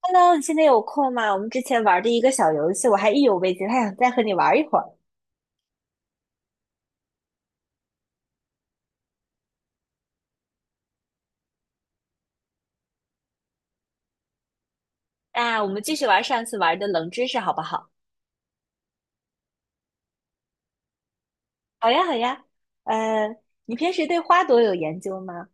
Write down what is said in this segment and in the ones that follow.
Hello，你现在有空吗？我们之前玩的一个小游戏，我还意犹未尽，还想再和你玩一会儿。那我们继续玩上次玩的冷知识，好不好？好呀，好呀。呃，你平时对花朵有研究吗？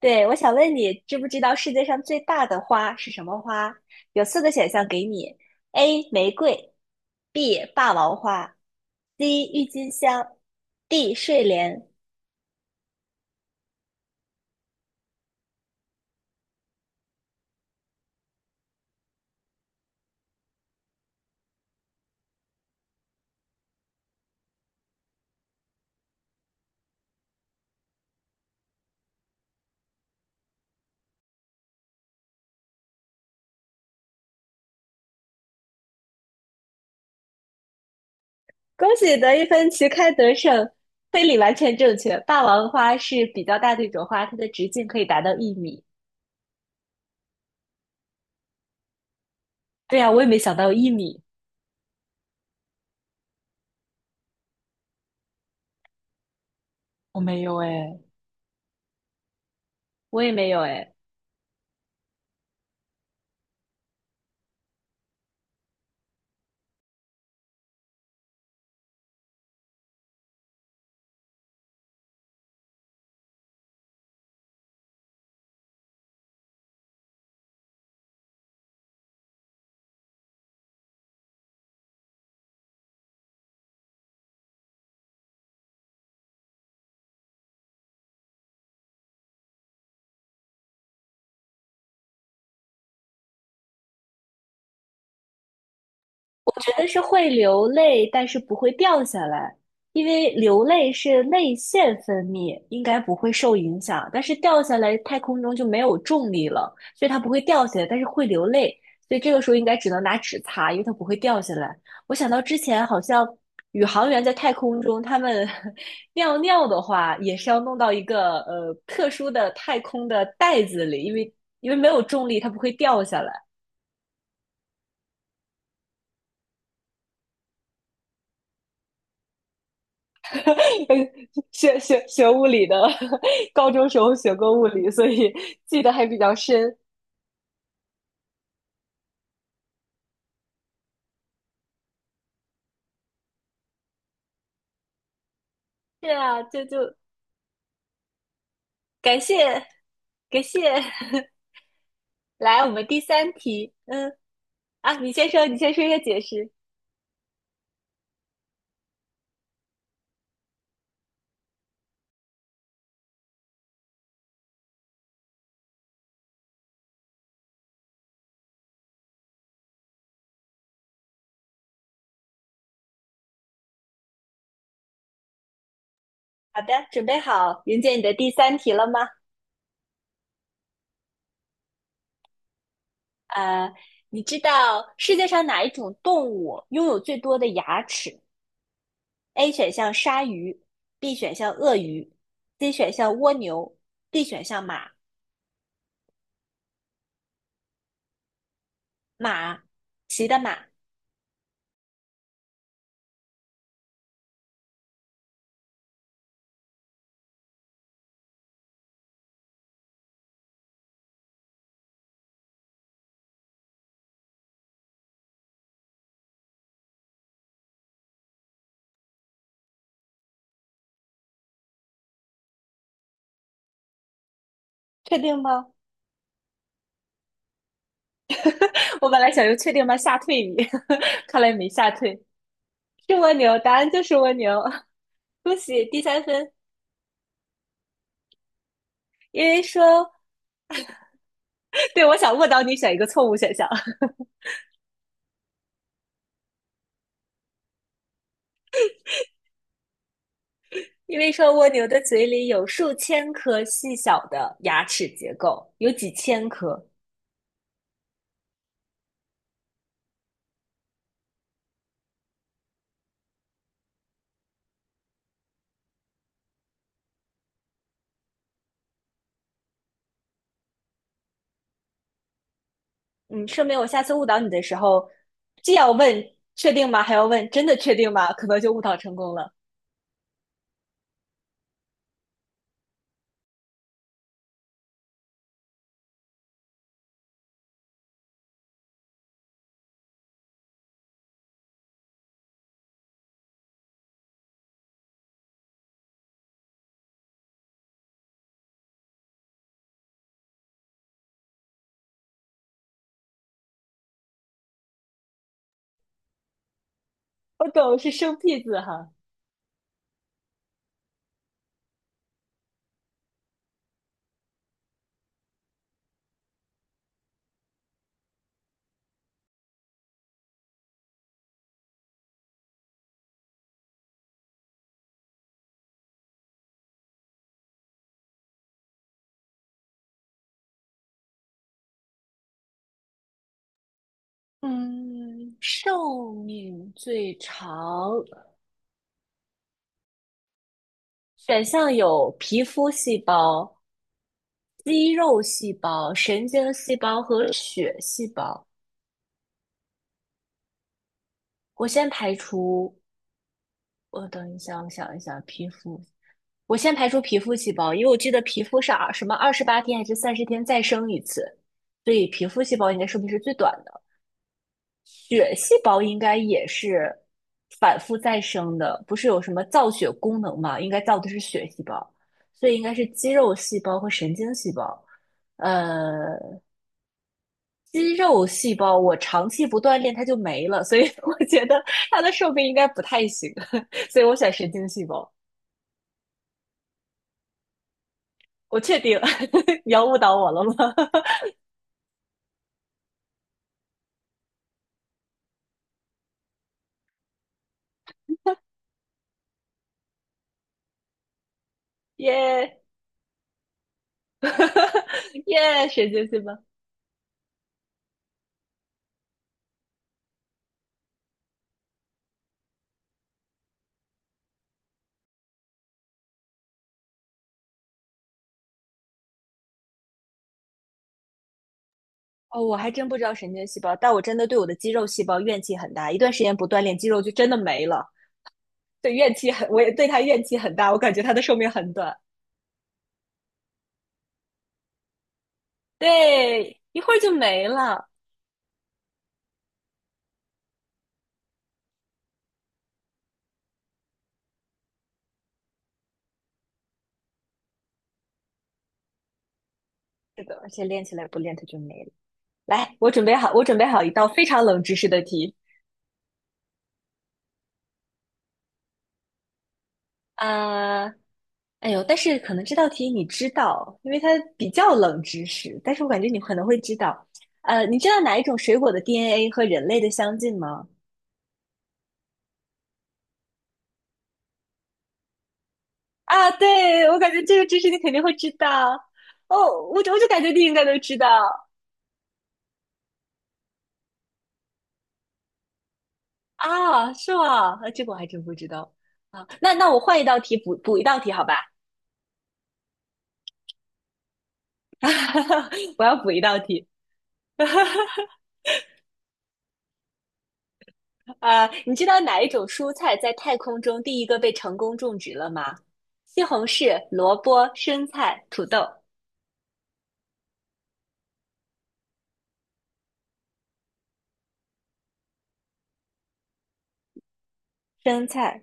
对，我想问你，知不知道世界上最大的花是什么花？有四个选项给你：A. 玫瑰，B. 霸王花，C. 郁金香，D. 睡莲。恭喜得一分旗开得胜，推理完全正确。霸王花是比较大的一种花，它的直径可以达到一米。对呀，我也没想到有一米，我没有哎，我也没有哎。但是会流泪，但是不会掉下来，因为流泪是泪腺分泌，应该不会受影响。但是掉下来，太空中就没有重力了，所以它不会掉下来，但是会流泪。所以这个时候应该只能拿纸擦，因为它不会掉下来。我想到之前好像宇航员在太空中，他们 尿尿的话，也是要弄到一个特殊的太空的袋子里，因为没有重力，它不会掉下来。学物理的，高中时候学过物理，所以记得还比较深。是啊，就感谢感谢。来，我们第三题，啊，你先说，你先说一个解释。好的，准备好迎接你的第三题了吗？呃，你知道世界上哪一种动物拥有最多的牙齿？A 选项鲨鱼，B 选项鳄鱼，C 选项蜗牛，D 选项马骑的马。确定吗？我本来想用"确定吗吓退你，看来没吓退，是蜗牛，答案就是蜗牛，恭喜第三分。因为说，对，我想误导你选一个错误选项，因为说蜗牛的嘴里有数千颗细小的牙齿结构，有几千颗。嗯，说明我下次误导你的时候，既要问确定吗，还要问真的确定吗，可能就误导成功了。我懂，是生僻字哈。嗯，寿命最长选项有皮肤细胞、肌肉细胞、神经细胞和血细胞。我先排除，我等一下，我想一想。皮肤，我先排除皮肤细胞，因为我记得皮肤是二什么28天还是30天再生一次，所以皮肤细胞应该寿命是最短的。血细胞应该也是反复再生的，不是有什么造血功能嘛？应该造的是血细胞，所以应该是肌肉细胞和神经细胞。呃，肌肉细胞，我长期不锻炼它就没了，所以 我觉得它的寿命应该不太行，所以我选神经细胞。我确定了，你要误导我了吗？耶耶，神经细胞。哦，我还真不知道神经细胞，但我真的对我的肌肉细胞怨气很大，一段时间不锻炼，肌肉就真的没了。对，怨气很，我也对它怨气很大，我感觉它的寿命很短。对，一会儿就没了。是的，而且练起来不练它就没了。来，我准备好，我准备好一道非常冷知识的题。啊、哎呦，但是可能这道题你知道，因为它比较冷知识，但是我感觉你可能会知道。你知道哪一种水果的 DNA 和人类的相近吗？啊，对，我感觉这个知识你肯定会知道。哦，我就感觉你应该都知道啊，是吗？啊，这个我还真不知道啊。那我换一道题补一道题，好吧？我要补一道题。啊，你知道哪一种蔬菜在太空中第一个被成功种植了吗？西红柿、萝卜、生菜、土豆、生菜、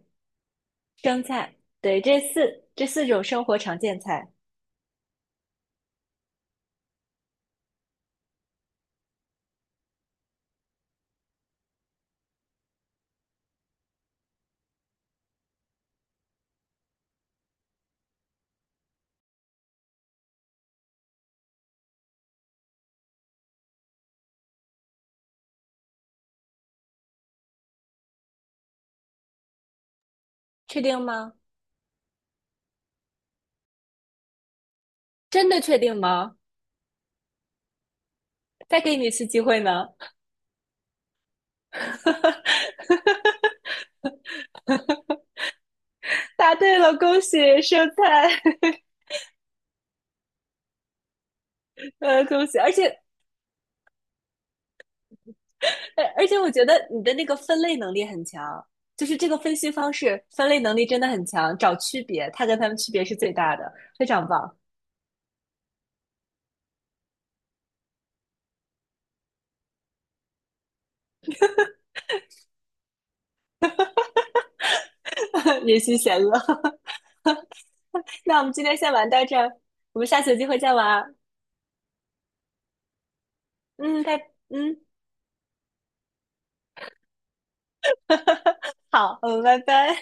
生菜，对，这四种生活常见菜，确定吗？真的确定吗？再给你一次机会呢。答对了，恭喜生菜，恭喜！而且，而且我觉得你的那个分类能力很强，就是这个分析方式分类能力真的很强，找区别，它跟它们区别是最大的，非常棒。人心险恶。那我们今天先玩到这儿，我们下次有机会再玩啊嗯，拜，嗯，好，嗯，拜拜。